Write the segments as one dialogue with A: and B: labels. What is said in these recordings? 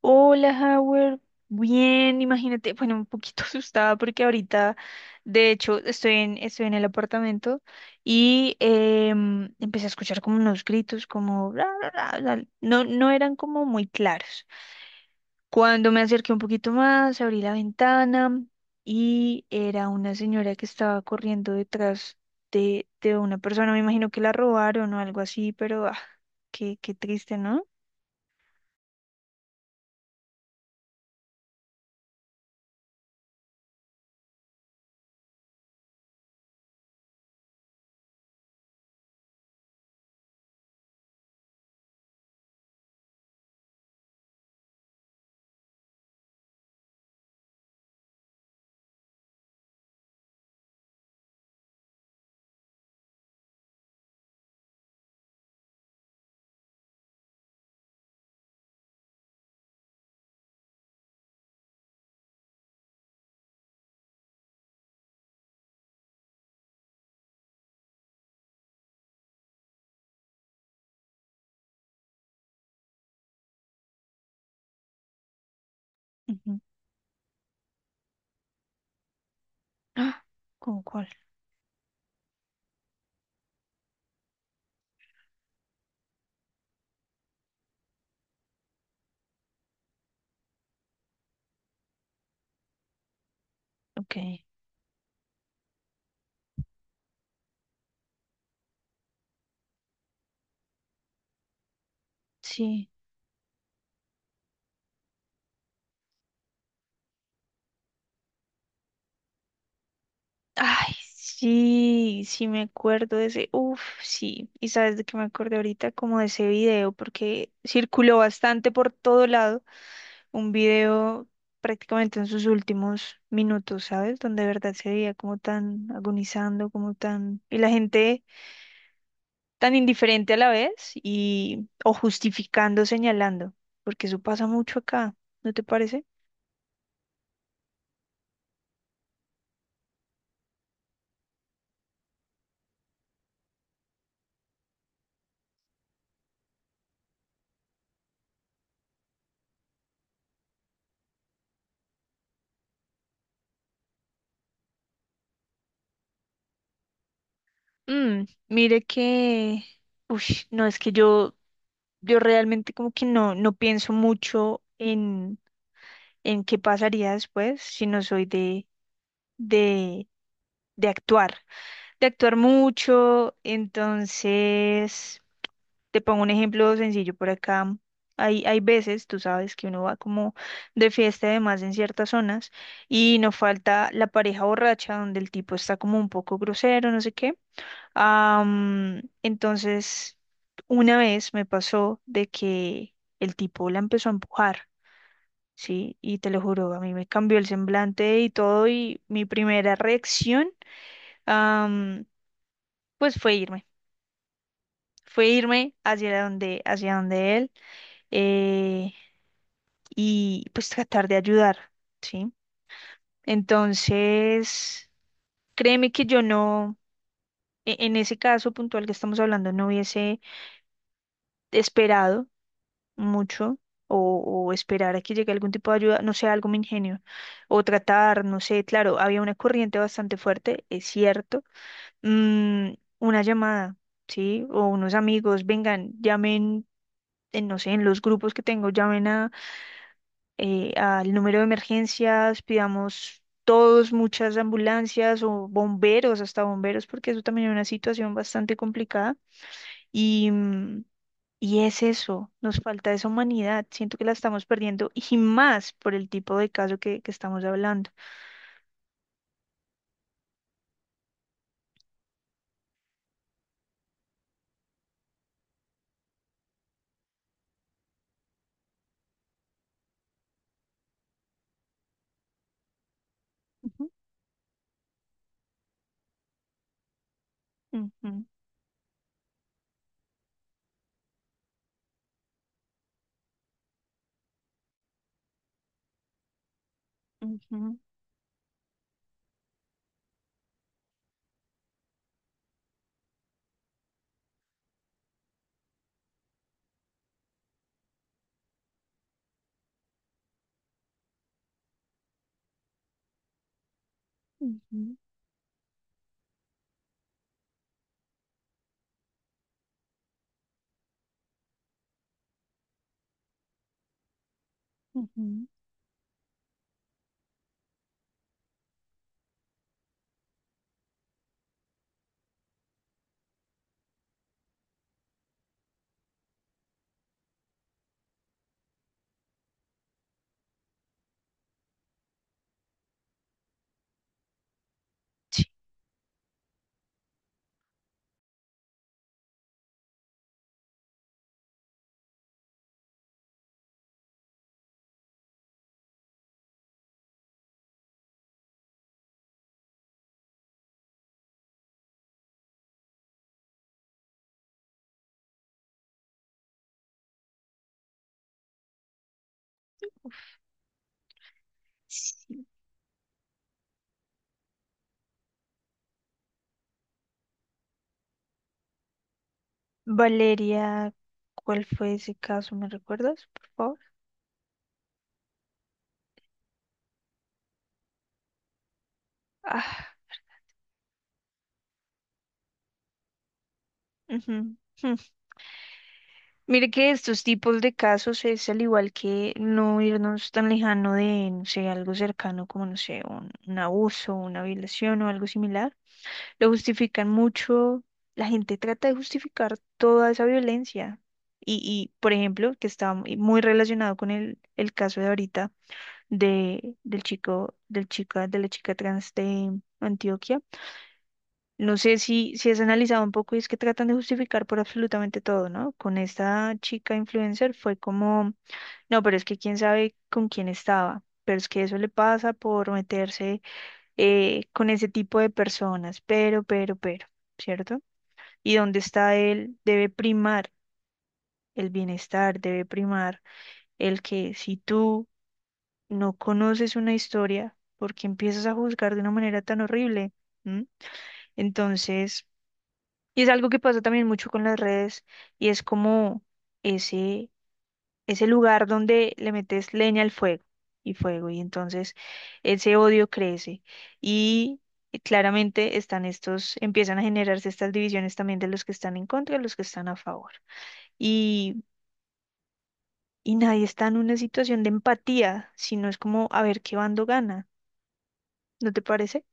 A: Hola, Howard. Bien, imagínate, bueno, un poquito asustada porque ahorita, de hecho, estoy en el apartamento y empecé a escuchar como unos gritos, como "Ra, ra, ra, ra". No, no eran como muy claros. Cuando me acerqué un poquito más, abrí la ventana y era una señora que estaba corriendo detrás de una persona. Me imagino que la robaron o algo así, pero qué, qué triste, ¿no? Ujú. Ah, ¿con cuál? Ok. Sí. Ay, sí, sí me acuerdo de ese. Uf, sí. Y sabes de qué me acordé ahorita, como de ese video, porque circuló bastante por todo lado. Un video prácticamente en sus últimos minutos, ¿sabes? Donde de verdad se veía como tan agonizando, como tan... Y la gente tan indiferente a la vez y... o justificando, señalando, porque eso pasa mucho acá, ¿no te parece? Mm, mire que... Uy, no, es que yo realmente como que no, no pienso mucho en qué pasaría después, sino soy de, de actuar, de actuar mucho. Entonces, te pongo un ejemplo sencillo por acá. Hay veces, tú sabes, que uno va como de fiesta y demás en ciertas zonas y no falta la pareja borracha donde el tipo está como un poco grosero, no sé qué. Entonces, una vez me pasó de que el tipo la empezó a empujar, ¿sí? Y te lo juro, a mí me cambió el semblante y todo, y mi primera reacción, am, pues fue irme. Fue irme hacia donde él, eh, y pues tratar de ayudar, ¿sí? Entonces, créeme que yo no, en ese caso puntual que estamos hablando, no hubiese esperado mucho, o esperar a que llegue algún tipo de ayuda, no sé, algo me ingenio, o tratar, no sé, claro, había una corriente bastante fuerte, es cierto, mm, una llamada, ¿sí? O unos amigos, vengan, llamen. En, no sé, en los grupos que tengo, llamen a, al número de emergencias, pidamos todos muchas ambulancias o bomberos, hasta bomberos, porque eso también es una situación bastante complicada. Y, mm, y es eso, nos falta esa humanidad, siento que la estamos perdiendo y más por el tipo de caso que estamos hablando. Ujú, ujú, ujú, ujú, ujú. Sí. Valeria, ¿cuál fue ese caso? ¿Me recuerdas, por favor? Ah, ujú, jum. Mire que estos tipos de casos es al igual que no irnos tan lejano de, no sé, algo cercano como, no sé, un abuso, una violación o algo similar. Lo justifican mucho. La gente trata de justificar toda esa violencia. Y, por ejemplo, que está muy muy relacionado con el caso de ahorita de, del chico, del chica, de la chica trans de Antioquia. No sé si, si has analizado un poco y es que tratan de justificar por absolutamente todo, ¿no? Con esta chica influencer fue como, no, pero es que quién sabe con quién estaba. Pero es que eso le pasa por meterse, con ese tipo de personas, pero, ¿cierto? Y donde está él debe primar el bienestar, debe primar el que, si tú no conoces una historia, ¿porque empiezas a juzgar de una manera tan horrible? ¿Mm? Entonces, y es algo que pasa también mucho con las redes, y es como ese, ese lugar donde le metes leña al fuego y fuego, y entonces ese odio crece y claramente están estos, empiezan a generarse estas divisiones también de los que están en contra y los que están a favor. Y y nadie está en una situación de empatía, sino es como a ver qué bando gana, ¿no te parece?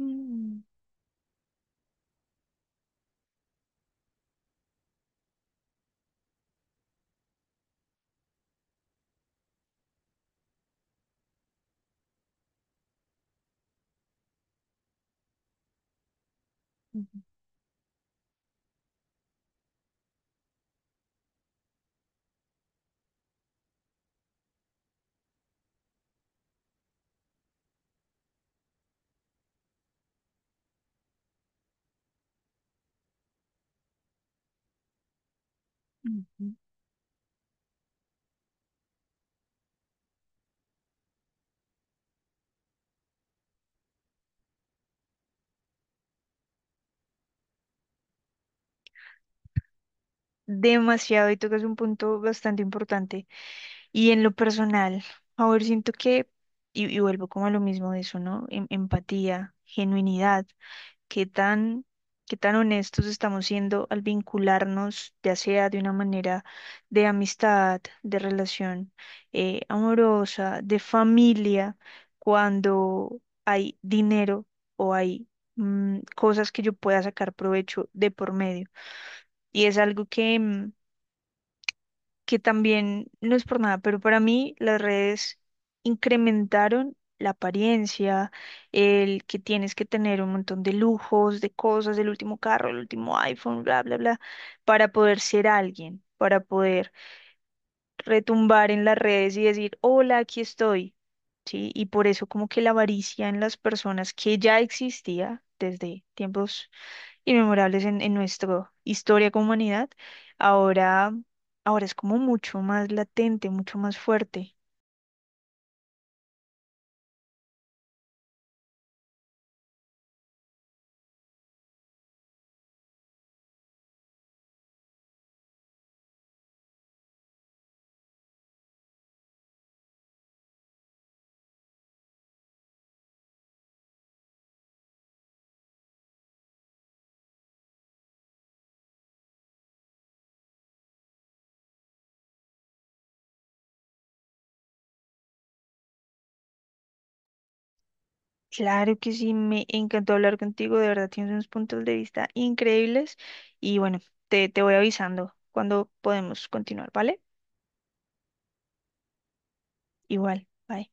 A: Mm, ujú, ujú. Demasiado, y tocas un punto bastante importante. Y en lo personal, a ver, siento que, y vuelvo como a lo mismo de eso, ¿no? Empatía, genuinidad. Qué tan, qué tan honestos estamos siendo al vincularnos, ya sea de una manera de amistad, de relación, amorosa, de familia, cuando hay dinero o hay, mm, cosas que yo pueda sacar provecho de por medio. Y es algo que... mm, que también no es por nada, pero para mí las redes incrementaron la apariencia, el que tienes que tener un montón de lujos, de cosas, el último carro, el último iPhone, bla, bla, bla, para poder ser alguien, para poder retumbar en las redes y decir, hola, aquí estoy. Sí, y por eso como que la avaricia en las personas que ya existía desde tiempos y memorables en nuestra historia como humanidad, ahora, ahora es como mucho más latente, mucho más fuerte. Claro que sí, me encantó hablar contigo, de verdad tienes unos puntos de vista increíbles y bueno, te voy avisando cuando podemos continuar, ¿vale? Igual, bye.